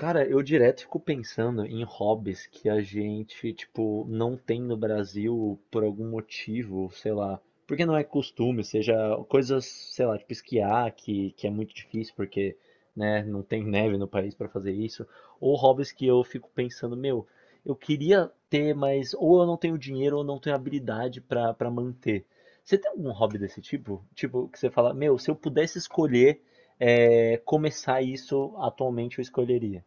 Cara, eu direto fico pensando em hobbies que a gente, tipo, não tem no Brasil por algum motivo, sei lá. Porque não é costume, seja coisas, sei lá, tipo esquiar, que é muito difícil porque, né, não tem neve no país pra fazer isso. Ou hobbies que eu fico pensando, meu, eu queria ter, mas ou eu não tenho dinheiro ou não tenho habilidade pra para manter. Você tem algum hobby desse tipo? Tipo, que você fala, meu, se eu pudesse escolher, começar isso, atualmente eu escolheria.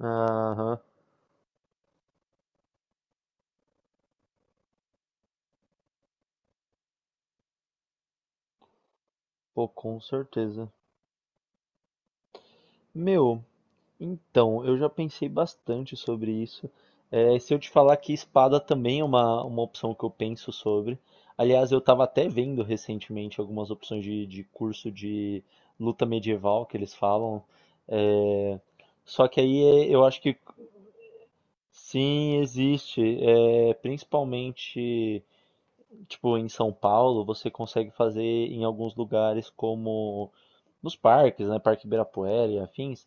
Aham, pô, com certeza. Meu, então, eu já pensei bastante sobre isso. É, se eu te falar que espada também é uma opção que eu penso sobre. Aliás, eu estava até vendo recentemente algumas opções de curso de luta medieval que eles falam. É, Só que eu acho que sim, existe. É, principalmente, tipo, em São Paulo, você consegue fazer em alguns lugares como. Nos parques, né, Parque Ibirapuera e afins,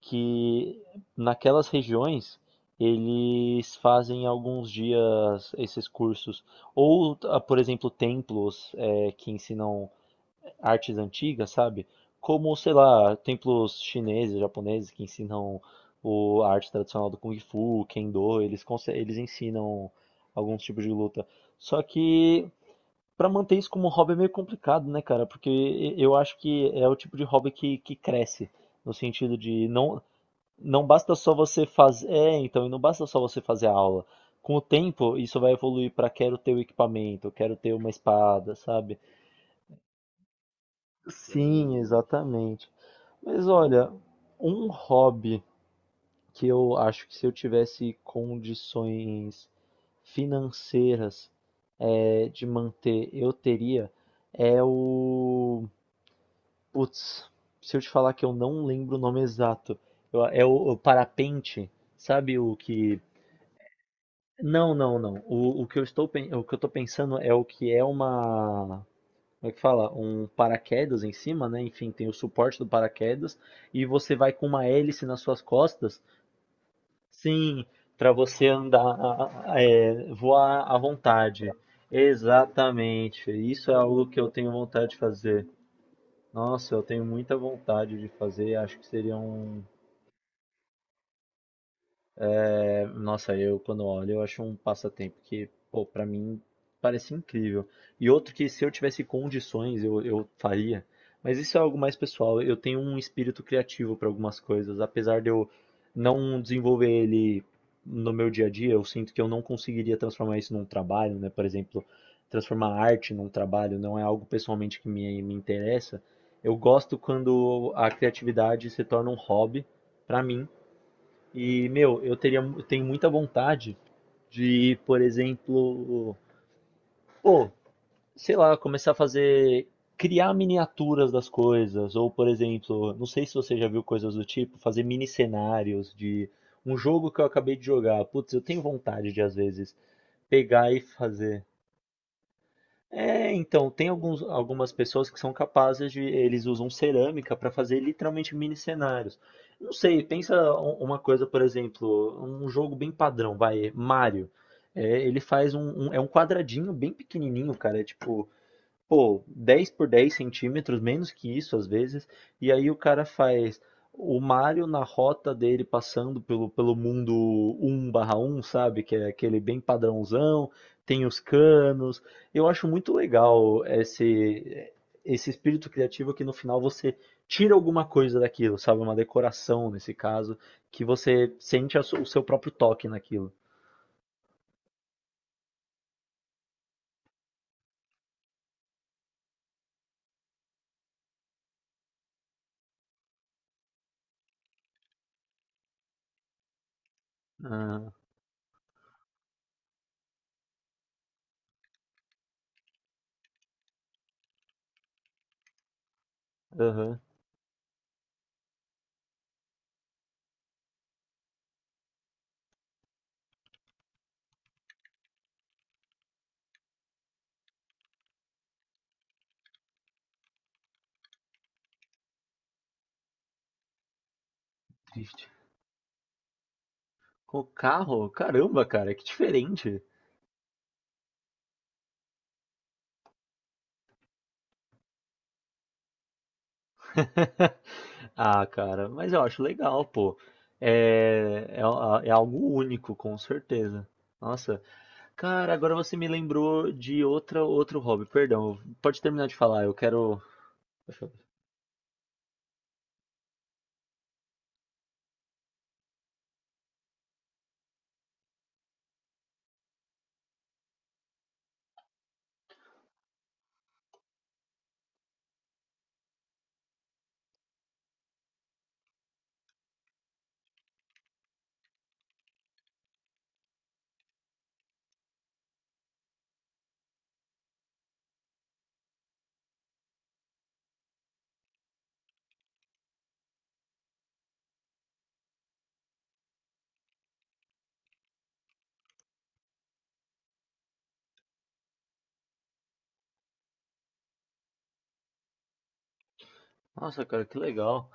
que naquelas regiões eles fazem alguns dias esses cursos. Ou, ah, por exemplo, templos que ensinam artes antigas, sabe? Como, sei lá, templos chineses, japoneses que ensinam a arte tradicional do Kung Fu, Kendo, eles ensinam alguns tipos de luta. Só que pra manter isso como hobby é meio complicado, né, cara? Porque eu acho que é o tipo de hobby que cresce, no sentido de não, não basta só você fazer. É, então, e não basta só você fazer a aula. Com o tempo, isso vai evoluir pra quero ter o equipamento, quero ter uma espada, sabe? Sim, exatamente. Mas olha, um hobby que eu acho que se eu tivesse condições financeiras de manter, eu teria, é o putz, se eu te falar que eu não lembro o nome exato, é o parapente, sabe o que? Não, não, não. O que eu tô pensando é o que é uma, como é que fala? Um paraquedas em cima, né? Enfim, tem o suporte do paraquedas e você vai com uma hélice nas suas costas, sim, para você andar, é, voar à vontade. Exatamente. Isso é algo que eu tenho vontade de fazer. Nossa, eu tenho muita vontade de fazer, acho que seria um... É, nossa, eu quando olho, eu acho um passatempo que, pô, pra mim parece incrível. E outro que se eu tivesse condições, eu faria. Mas isso é algo mais pessoal. Eu tenho um espírito criativo para algumas coisas, apesar de eu não desenvolver ele no meu dia a dia, eu sinto que eu não conseguiria transformar isso num trabalho, né? Por exemplo, transformar arte num trabalho não é algo pessoalmente que me interessa. Eu gosto quando a criatividade se torna um hobby para mim e, meu, eu teria, eu tenho muita vontade de, por exemplo, pô, sei lá, começar a fazer, criar miniaturas das coisas, ou, por exemplo, não sei se você já viu coisas do tipo, fazer mini cenários de um jogo que eu acabei de jogar. Putz, eu tenho vontade de, às vezes, pegar e fazer. É, então, algumas pessoas que são capazes de. Eles usam cerâmica para fazer literalmente mini cenários. Não sei, pensa uma coisa, por exemplo, um jogo bem padrão, vai, Mario. É, ele faz é um quadradinho bem pequenininho, cara. É tipo pô, 10 por 10 centímetros, menos que isso às vezes, e aí o cara faz o Mario na rota dele passando pelo mundo um/barra um, sabe? Que é aquele bem padrãozão, tem os canos. Eu acho muito legal esse espírito criativo que no final você tira alguma coisa daquilo, sabe? Uma decoração nesse caso, que você sente o seu próprio toque naquilo. Ah, aham, triste. Com o carro, caramba, cara, que diferente. Ah, cara, mas eu acho legal, pô. É, é, é algo único, com certeza. Nossa, cara, agora você me lembrou de outra, outro hobby, perdão. Pode terminar de falar, eu quero. Nossa, cara, que legal.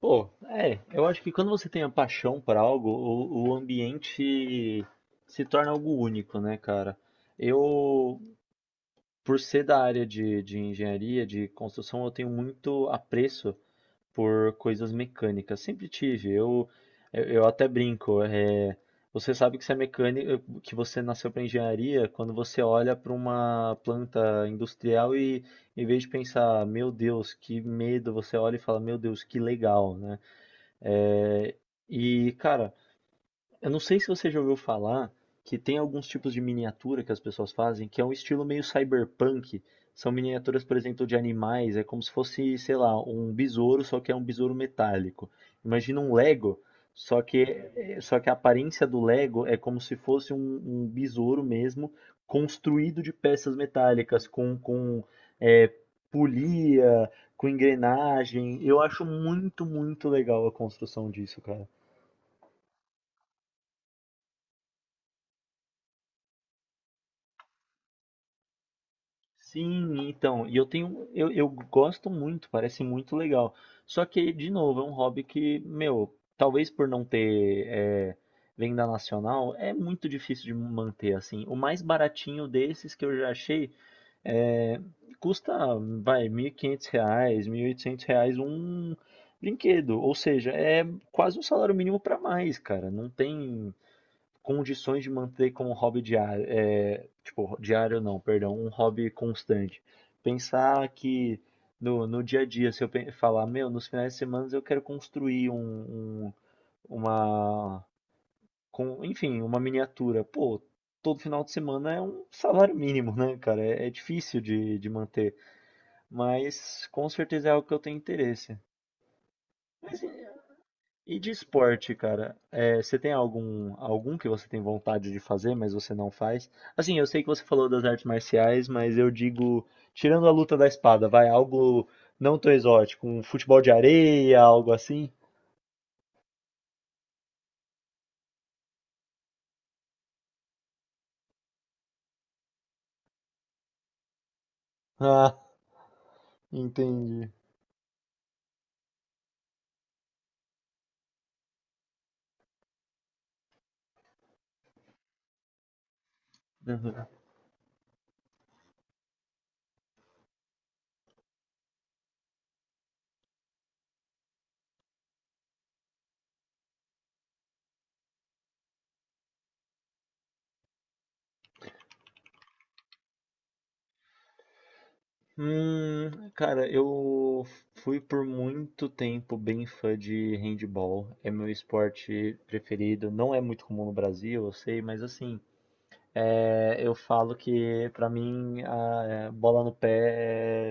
Pô, é, eu acho que quando você tem a paixão por algo, o ambiente se torna algo único, né, cara? Eu, por ser da área de engenharia, de construção, eu tenho muito apreço por coisas mecânicas. Sempre tive. Eu até brinco. Você sabe que você é mecânico, que você nasceu para engenharia quando você olha para uma planta industrial e, em vez de pensar, meu Deus, que medo, você olha e fala, meu Deus, que legal, né? É, e, cara, eu não sei se você já ouviu falar que tem alguns tipos de miniatura que as pessoas fazem, que é um estilo meio cyberpunk. São miniaturas, por exemplo, de animais, é como se fosse, sei lá, um besouro, só que é um besouro metálico. Imagina um Lego, só que, só que a aparência do Lego é como se fosse um besouro mesmo, construído de peças metálicas, com é, polia, com engrenagem. Eu acho muito legal a construção disso, cara. Sim, então, eu gosto muito, parece muito legal. Só que, de novo, é um hobby que, meu, talvez por não ter venda nacional, é muito difícil de manter, assim. O mais baratinho desses que eu já achei é, custa, vai, R$ 1.500, R$ 1.800 um brinquedo. Ou seja, é quase um salário mínimo para mais, cara. Não tem condições de manter como um hobby diário, é, tipo, diário não, perdão, um hobby constante. Pensar que no dia a dia, se eu pe- falar, meu, nos finais de semana eu quero construir uma, com, enfim, uma miniatura. Pô, todo final de semana é um salário mínimo, né, cara? É, é difícil de manter, mas com certeza é algo que eu tenho interesse. Mas e de esporte, cara, é, você tem algum que você tem vontade de fazer, mas você não faz? Assim, eu sei que você falou das artes marciais, mas eu digo, tirando a luta da espada, vai algo não tão exótico, um futebol de areia, algo assim? Ah, entendi. Uhum. Cara, eu fui por muito tempo bem fã de handball. É meu esporte preferido. Não é muito comum no Brasil, eu sei, mas assim, é, eu falo que pra mim bola no pé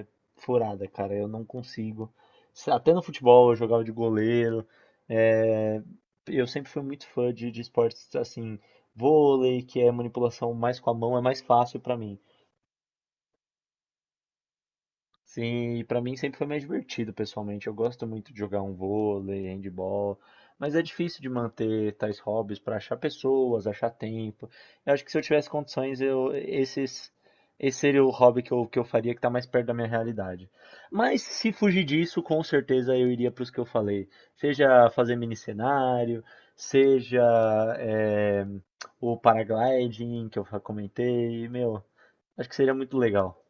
é furada, cara. Eu não consigo. Até no futebol eu jogava de goleiro. é, eu sempre fui muito fã de esportes assim, vôlei, que é manipulação mais com a mão, é mais fácil pra mim. Sim, e pra mim sempre foi mais divertido, pessoalmente. Eu gosto muito de jogar um vôlei, handball, mas é difícil de manter tais hobbies pra achar pessoas, achar tempo. Eu acho que se eu tivesse condições, eu esses esse seria o hobby que eu faria que tá mais perto da minha realidade. Mas se fugir disso, com certeza eu iria para pros que eu falei. Seja fazer mini cenário, seja eh, o paragliding que eu comentei, meu, acho que seria muito legal.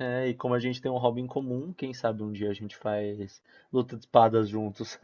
É, e como a gente tem um hobby em comum, quem sabe um dia a gente faz luta de espadas juntos.